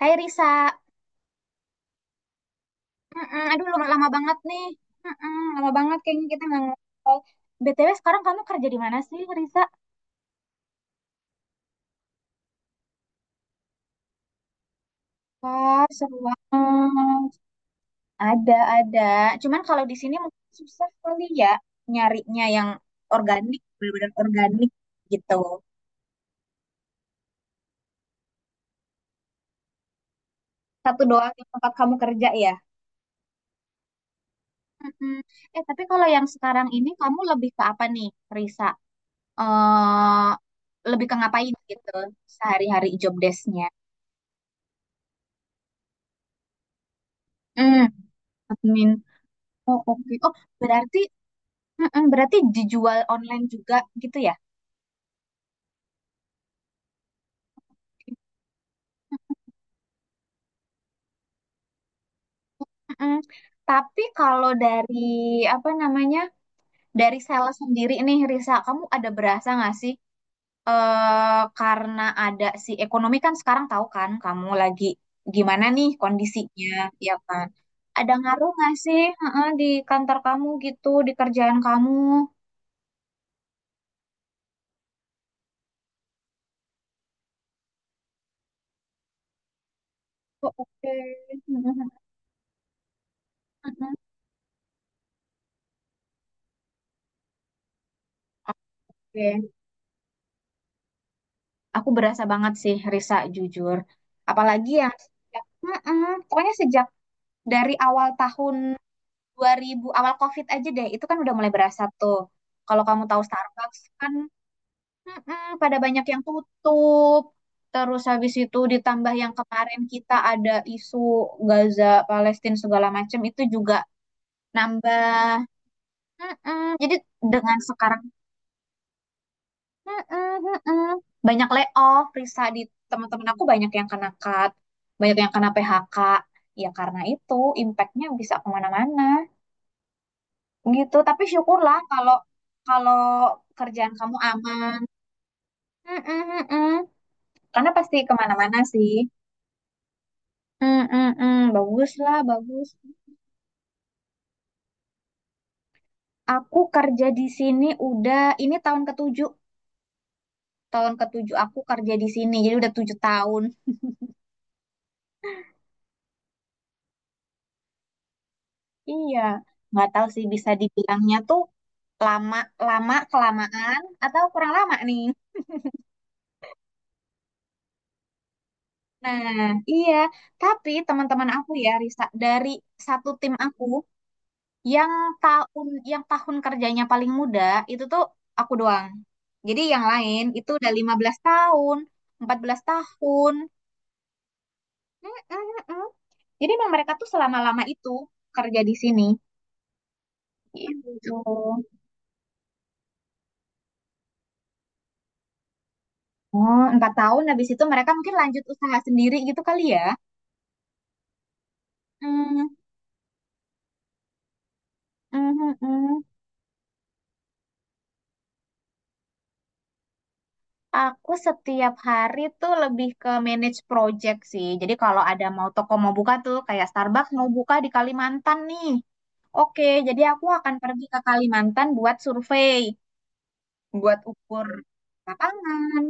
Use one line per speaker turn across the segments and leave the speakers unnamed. Hai Risa. Mm-mm, Aduh lama, lama banget nih. Mm-mm, Lama banget kayaknya kita nggak ngobrol. BTW sekarang kamu kerja di mana sih, Risa? Wah, seru banget. Ada, cuman kalau di sini mungkin susah kali ya nyarinya yang organik, benar-benar organik gitu. Satu doang yang tempat kamu kerja ya. Mm-mm. Eh, tapi kalau yang sekarang ini kamu lebih ke apa nih, Risa? eh Lebih ke ngapain gitu sehari-hari job desk-nya? Hmm, admin. Oh, oke. Oh, berarti mm-mm, berarti dijual online juga gitu ya? Mm-mm. Tapi kalau dari, apa namanya, dari sales sendiri nih, Risa, kamu ada berasa nggak sih, karena ada si ekonomi kan sekarang, tahu kan kamu lagi gimana nih kondisinya, ya kan? Ada ngaruh nggak sih, di kantor kamu gitu, di kerjaan kamu? Oh, oke. Mm-mm, mm-mm. Oke. Aku berasa banget sih, Risa, jujur. Apalagi, mm-mm, pokoknya sejak dari awal tahun 2000, awal COVID aja deh, itu kan udah mulai berasa tuh. Kalau kamu tahu Starbucks kan, mm-mm, pada banyak yang tutup. Terus habis itu ditambah yang kemarin kita ada isu Gaza, Palestina, segala macam itu juga nambah. Mm-mm. Jadi dengan sekarang. Heeh, heeh. Banyak layoff, Risa, di teman-teman aku banyak yang kena cut, banyak yang kena PHK. Ya karena itu impactnya bisa kemana-mana gitu. Tapi syukurlah, kalau kalau kerjaan kamu aman. Mm-mm, mm-mm. Karena pasti kemana-mana sih. Mm-mm, bagus lah, bagus. Aku kerja di sini udah ini tahun ketujuh aku kerja di sini. Jadi udah 7 tahun. Iya, nggak tahu sih bisa dibilangnya tuh lama lama kelamaan atau kurang lama nih. Nah, iya, tapi teman-teman aku ya, Risa, dari satu tim aku, yang tahun kerjanya paling muda itu tuh aku doang. Jadi yang lain itu udah 15 tahun, 14 tahun. Mm-mm-mm. Jadi emang mereka tuh selama-lama itu kerja di sini. Gitu. Oh, 4 tahun habis itu mereka mungkin lanjut usaha sendiri gitu kali ya. Mm, mm, mm, mm. Aku setiap hari tuh lebih ke manage project sih. Jadi kalau ada mau toko mau buka tuh, kayak Starbucks mau buka di Kalimantan nih. Oke, jadi aku akan pergi ke Kalimantan buat survei, buat ukur lapangan.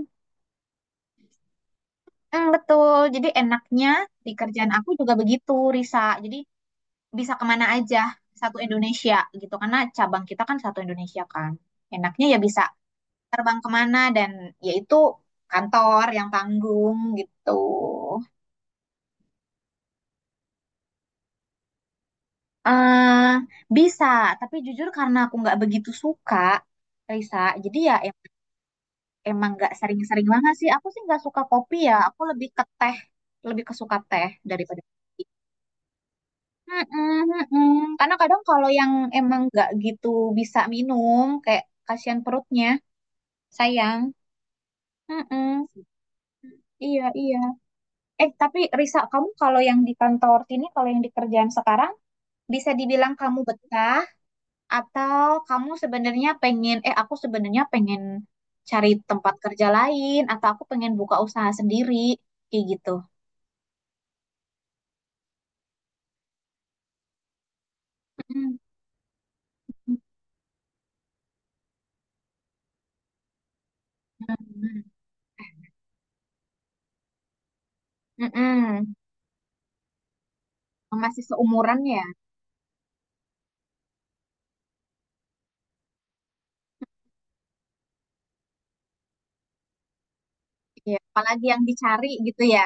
Hmm, betul. Jadi enaknya di kerjaan aku juga begitu, Risa. Jadi bisa kemana aja, satu Indonesia gitu. Karena cabang kita kan satu Indonesia kan. Enaknya ya bisa terbang kemana, dan yaitu kantor yang tanggung gitu. eh Bisa, tapi jujur karena aku nggak begitu suka, Risa, jadi ya emang nggak sering-sering banget sih. Aku sih nggak suka kopi ya, aku lebih ke teh, lebih kesuka teh daripada kopi. Mm-mm, mm-mm. Karena kadang kalau yang emang nggak gitu bisa minum, kayak kasihan perutnya, sayang. Mm-mm. Iya, iya. Eh, tapi Risa, kamu kalau yang di kantor sini, kalau yang di kerjaan sekarang, bisa dibilang kamu betah, atau kamu sebenarnya pengen, eh, aku sebenarnya pengen cari tempat kerja lain, atau aku pengen buka usaha sendiri, kayak gitu. Mm. Mm-mm. Masih seumuran ya. Iya. Apalagi yang dicari gitu ya.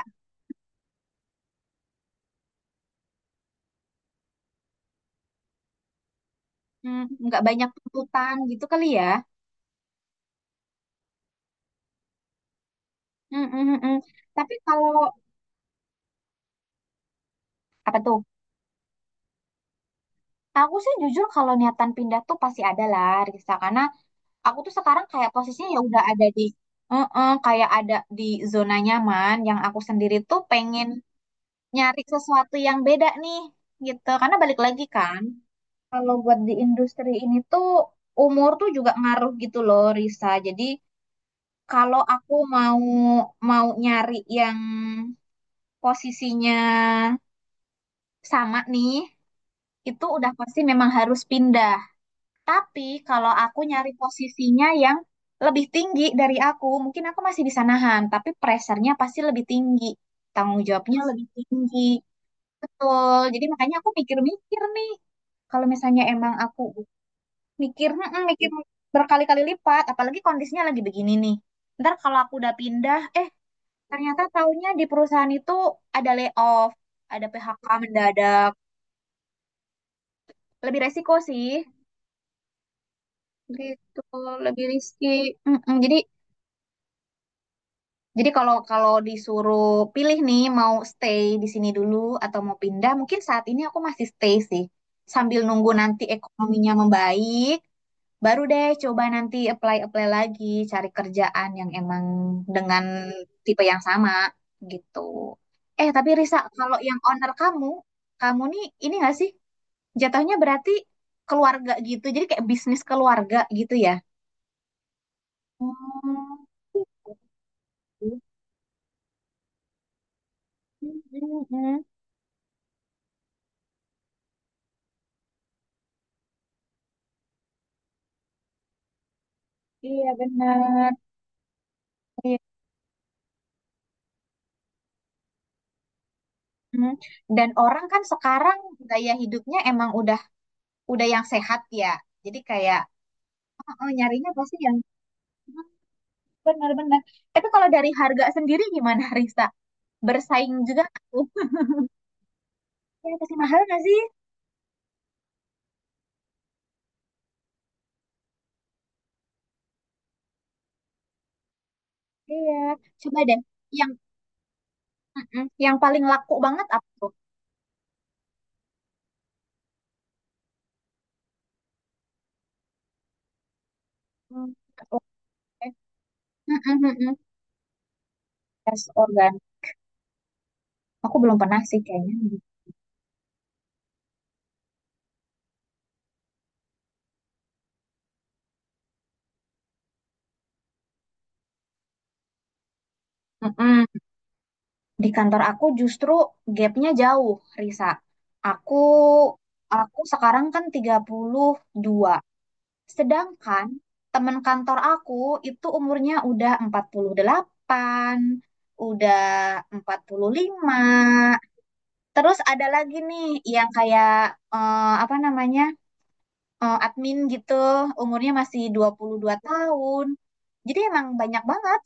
Mm, nggak banyak tuntutan gitu kali ya. Mm-mm-mm. Tapi kalau, apa tuh? Aku sih jujur kalau niatan pindah tuh pasti ada lah, Risa. Karena aku tuh sekarang kayak posisinya ya udah ada di, heeh, kayak ada di zona nyaman yang aku sendiri tuh pengen nyari sesuatu yang beda nih, gitu, karena balik lagi kan, kalau buat di industri ini tuh umur tuh juga ngaruh gitu loh, Risa, jadi kalau aku mau mau nyari yang posisinya sama nih, itu udah pasti memang harus pindah. Tapi kalau aku nyari posisinya yang lebih tinggi dari aku, mungkin aku masih bisa nahan, tapi pressure-nya pasti lebih tinggi. Tanggung jawabnya lebih tinggi. Betul. Jadi makanya aku mikir-mikir nih. Kalau misalnya emang aku mikir berkali-kali lipat, apalagi kondisinya lagi begini nih. Ntar kalau aku udah pindah, eh, ternyata taunya di perusahaan itu ada layoff, ada PHK mendadak. Lebih resiko sih. Gitu, lebih risky. Mm-mm. Jadi kalau kalau disuruh pilih nih, mau stay di sini dulu atau mau pindah, mungkin saat ini aku masih stay sih. Sambil nunggu nanti ekonominya membaik, baru deh coba nanti apply-apply lagi, cari kerjaan yang emang dengan tipe yang sama gitu. Eh, tapi Risa, kalau yang owner kamu, kamu nih ini nggak sih? Jatuhnya berarti keluarga gitu. Jadi kayak bisnis keluarga gitu ya. Hmm, gitu. Mm-mm. Iya benar. Hmm. Dan orang kan sekarang gaya hidupnya emang udah yang sehat ya. Jadi kayak, oh, oh, nyarinya pasti yang, hmm, benar-benar. Tapi kalau dari harga sendiri gimana, Rista? Bersaing juga tuh. Ya pasti mahal nggak sih? Iya. Coba deh, yang paling laku banget apa tuh? Hmm, oke. Mm-mm, mm. Tes organ. Aku belum pernah sih kayaknya. mm Di kantor aku justru gapnya jauh, Risa. Aku aku sekarang kan 32. Sedangkan teman kantor aku itu umurnya udah 48, udah 45. Terus ada lagi nih yang kayak, apa namanya, admin gitu, umurnya masih 22 tahun. Jadi emang banyak banget.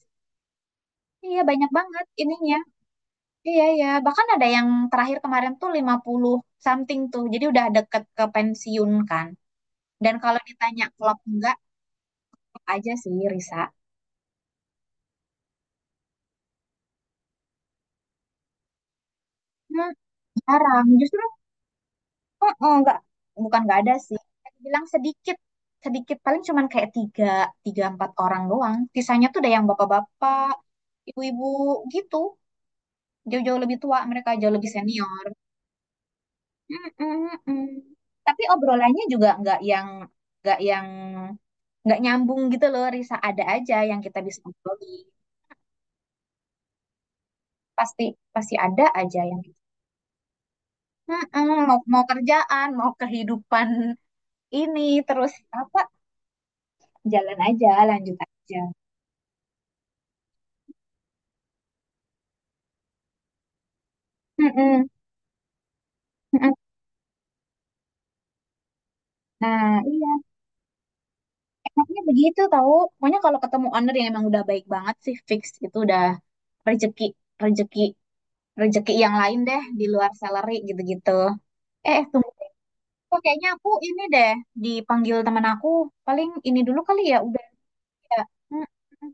Iya, banyak banget ininya. Iya, iya. Bahkan ada yang terakhir kemarin tuh 50 something tuh. Jadi udah deket ke pensiun kan. Dan kalau ditanya klop enggak, klop aja sih, Risa. Hmm, jarang. Justru, oh, oh, enggak, bukan enggak ada sih. Saya bilang sedikit. Sedikit paling cuman kayak tiga, tiga empat orang doang. Sisanya tuh ada yang bapak-bapak, ibu-ibu gitu. Jauh-jauh lebih tua, mereka jauh lebih senior. Mm, mm, mm. Tapi obrolannya juga nggak yang nggak nyambung gitu loh, Risa, ada aja yang kita bisa ngobroli, pasti pasti ada aja yang, mm-mm, mau mau kerjaan mau kehidupan ini, terus apa, jalan aja, lanjut aja. Mm-mm, mm-mm. Nah, iya, enaknya begitu tahu, pokoknya kalau ketemu owner yang emang udah baik banget sih, fix itu udah rezeki rezeki rezeki yang lain deh, di luar salary gitu-gitu. Eh, tunggu, kok kayaknya aku ini deh, dipanggil teman aku. Paling ini dulu kali ya, udah. Ya. Mm-mm.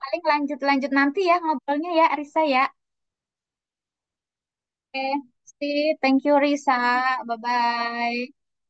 Paling lanjut-lanjut nanti ya ngobrolnya ya, Risa ya. Oke, see, thank you Risa. Bye-bye.